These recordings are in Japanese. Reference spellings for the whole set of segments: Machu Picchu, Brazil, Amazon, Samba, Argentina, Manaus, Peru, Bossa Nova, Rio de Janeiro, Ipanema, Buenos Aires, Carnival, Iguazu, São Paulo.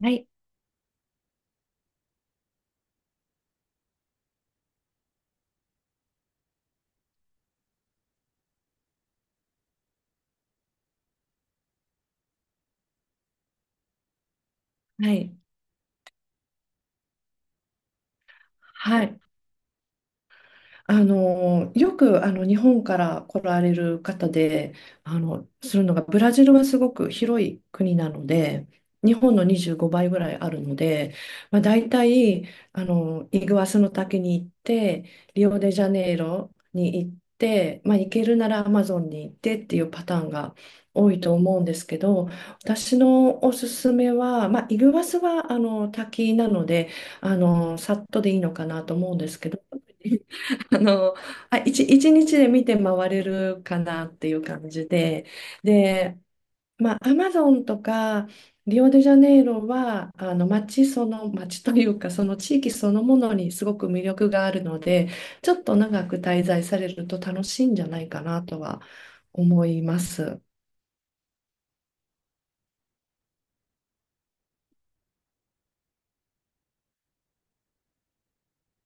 はい、はい、ははい。よく日本から来られる方で、あの、するのが、ブラジルはすごく広い国なので、日本の25倍ぐらいあるので、大体イグアスの滝に行って、リオデジャネイロに行って、まあ、行けるならアマゾンに行ってっていうパターンが多いと思うんですけど、私のおすすめは、まあ、イグアスは滝なので、さっとでいいのかなと思うんですけど、あの、一日で見て回れるかなっていう感じで、で、まあ、アマゾンとかリオデジャネイロは、あの、街その、街というか、その地域そのものにすごく魅力があるので、ちょっと長く滞在されると楽しいんじゃないかなとは思います。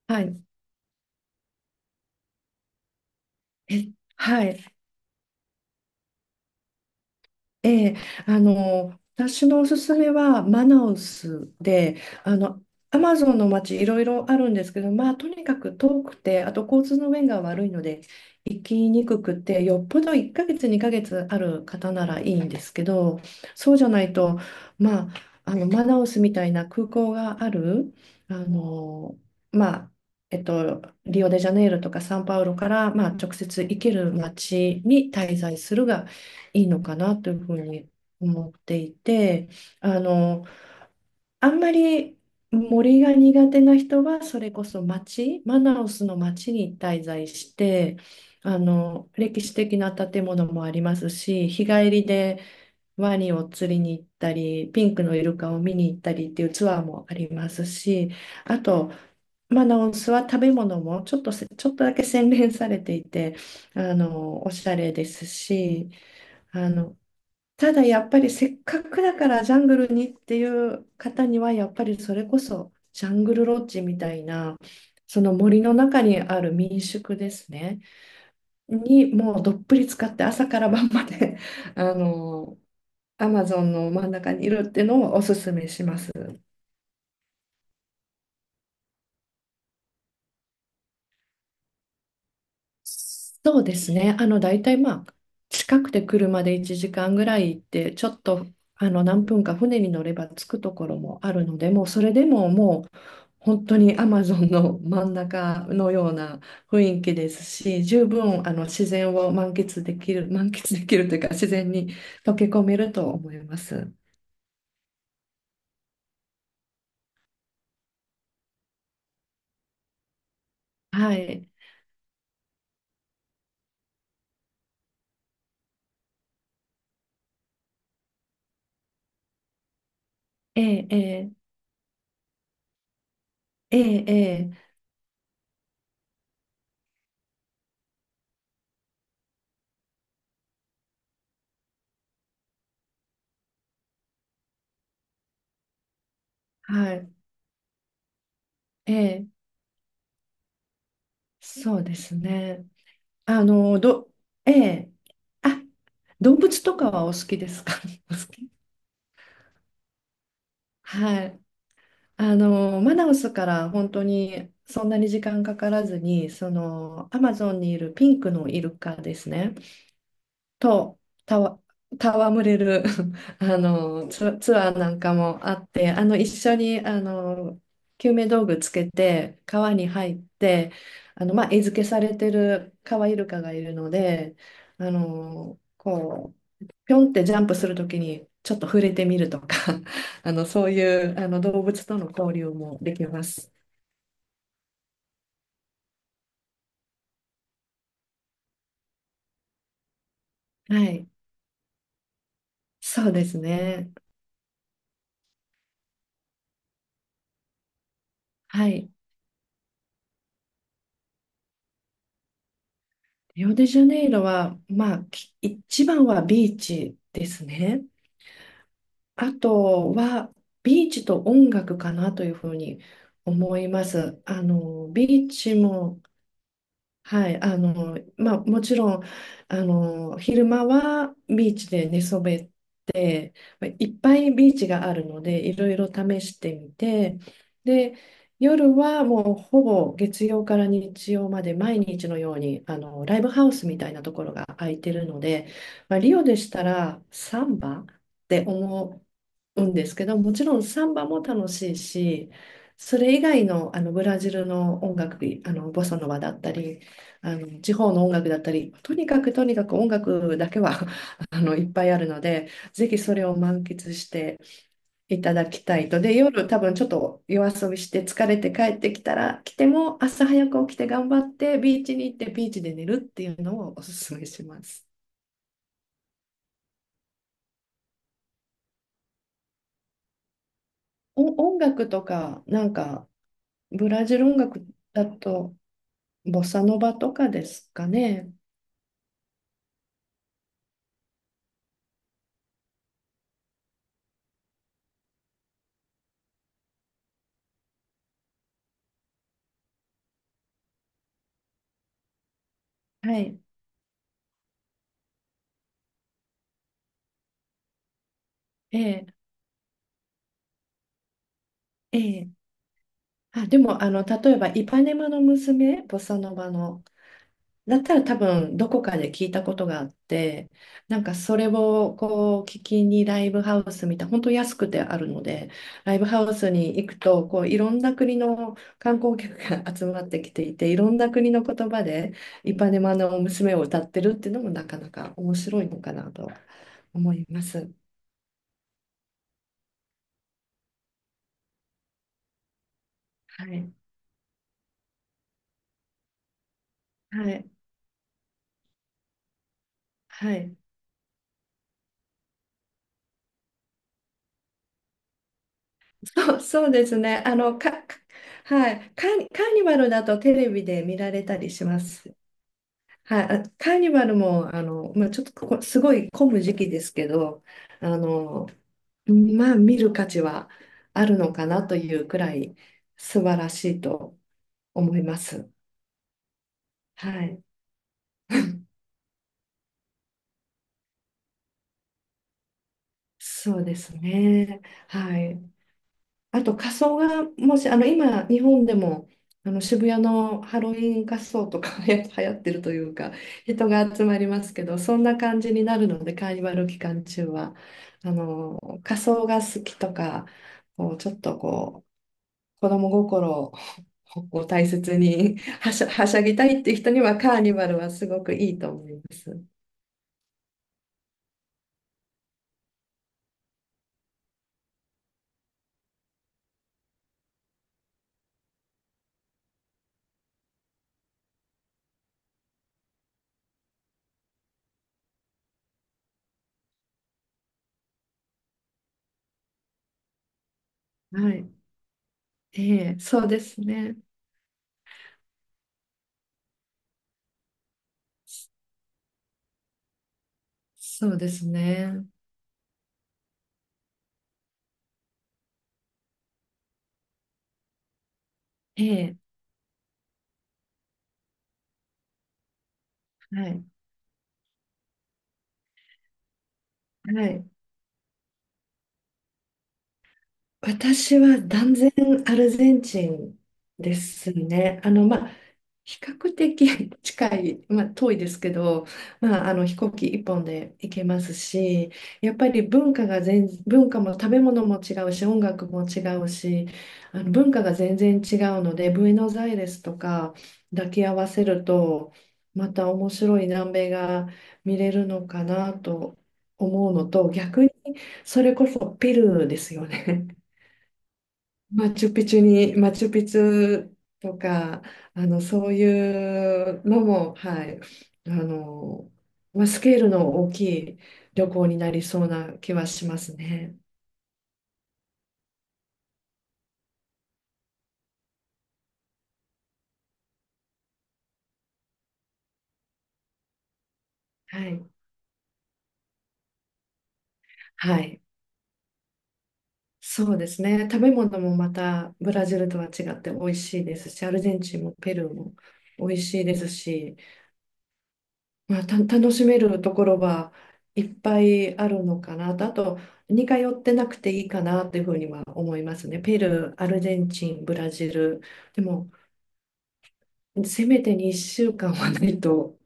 はい。えはい。ええ、私のおすすめはマナウスで、アマゾンの街いろいろあるんですけど、まあ、とにかく遠くて、あと交通の便が悪いので、行きにくくて、よっぽど1ヶ月、2ヶ月ある方ならいいんですけど、そうじゃないと、まあ、マナウスみたいな空港がある、あの、まあ、リオデジャネイロとかサンパウロから、まあ、直接行ける街に滞在するがいいのかなというふうに思っていて、あの、あんまり森が苦手な人は、それこそ町、マナオスの町に滞在して、歴史的な建物もありますし、日帰りでワニを釣りに行ったり、ピンクのイルカを見に行ったりっていうツアーもありますし、あと、マナオスは食べ物もちょっとだけ洗練されていて、おしゃれですし、あの、ただやっぱりせっかくだからジャングルにっていう方にはやっぱりそれこそジャングルロッジみたいなその森の中にある民宿ですねにもうどっぷり使って朝から晩まであのアマゾンの真ん中にいるっていうのをおすすめします。そうですね。大体まあ、近くて車で1時間ぐらい行って、ちょっと、何分か船に乗れば着くところもあるので、もうそれでももう、本当にアマゾンの真ん中のような雰囲気ですし、十分、自然を満喫できる、満喫できるというか、自然に溶け込めると思います。はい。ええ、ええ、ええ、ええはい。ええ、そうですね。あの、ど、ええ。あ、動物とかはお好きですか？ お好きはい。マナウスから本当にそんなに時間かからずに、アマゾンにいるピンクのイルカですね。とたわ、戯れる ツアーなんかもあって一緒に救命道具つけて川に入って餌付けされてるカワイルカがいるのでこうぴょんってジャンプするときにちょっと触れてみるとか そういう動物との交流もできます。はい、そうですね。はい。リオデジャネイロは、一番はビーチですね。あとは、ビーチと音楽かなというふうに思います。ビーチもはい、あの、まあ、もちろん、あの、昼間はビーチで寝そべって、まあいっぱいビーチがあるので、いろいろ試してみて、で、夜はもうほぼ月曜から日曜まで毎日のように、ライブハウスみたいなところが空いてるので、まあ、リオでしたらサンバって思うんですけど、もちろんサンバも楽しいし、それ以外の、ブラジルの音楽、ボサノバだったり、地方の音楽だったり、とにかく音楽だけは いっぱいあるので、ぜひそれを満喫していただきたいと。で、夜多分ちょっと夜遊びして疲れて帰ってきたら、来ても朝早く起きて頑張ってビーチに行ってビーチで寝るっていうのをおすすめします。お、音楽とか、なんかブラジル音楽だとボサノバとかですかね。はい。ええ、ええ。あ、でも、あの、例えば、イパネマの娘、ボサノバの、だったら多分どこかで聞いたことがあって、なんかそれをこう聞きにライブハウスみたいな、本当安くてあるので、ライブハウスに行くと、こういろんな国の観光客が 集まってきていて、いろんな国の言葉でイパネマの娘を歌ってるっていうのもなかなか面白いのかなと思います。はい。はい。はい。そうですね。あの、か、かはい。カーニバルだとテレビで見られたりします。はい、あ、カーニバルも、まあ、ちょっとここすごい混む時期ですけど、あの、まあ、見る価値はあるのかなというくらい素晴らしいと思います。はい、そうですね。はい。あと仮装がもし今日本でも渋谷のハロウィン仮装とか 流行ってるというか人が集まりますけどそんな感じになるのでカーニバル期間中は仮装が好きとかこうちょっとこう子供心を を大切に はしゃぎたいっていう人にはカーニバルはすごくいいと思います。はい。ええ、そうですね。そうですね。ええ、はい。はい。私は断然アルゼンチンですね。まあ、比較的 近い、まあ、遠いですけど、まあ、飛行機一本で行けますし、やっぱり文化も食べ物も違うし、音楽も違うし、文化が全然違うので、ブエノスアイレスとか抱き合わせると、また面白い南米が見れるのかなと思うのと、逆にそれこそペルーですよね。マチュピチュとか、そういうのも、はい、あの、まあ、スケールの大きい旅行になりそうな気はしますね。はい。はい。そうですね。食べ物もまたブラジルとは違って美味しいですし、アルゼンチンもペルーも美味しいですし、楽しめるところはいっぱいあるのかなと、あと似通ってなくていいかなというふうには思いますね。ペルー、アルゼンチン、ブラジル。でも、せめて2週間はないと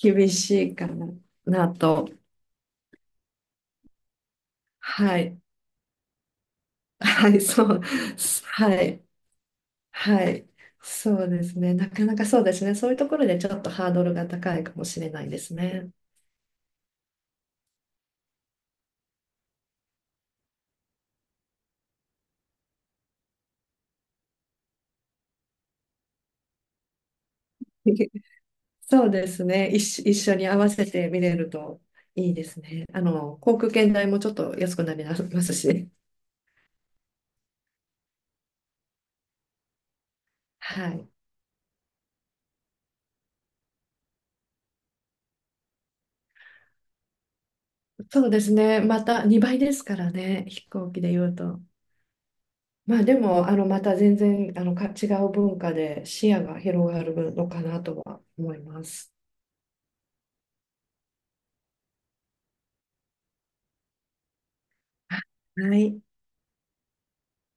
厳しいかな、なと。はい。はい、そう。はい。はい。そうですね。なかなかそうですね。そういうところでちょっとハードルが高いかもしれないですね。そうですね。一緒に合わせて見れるといいですね。航空券代もちょっと安くなりますし。はい。そうですね。また2倍ですからね。飛行機で言うと。まあでも、また全然、違う文化で視野が広がるのかなとは思います。はい。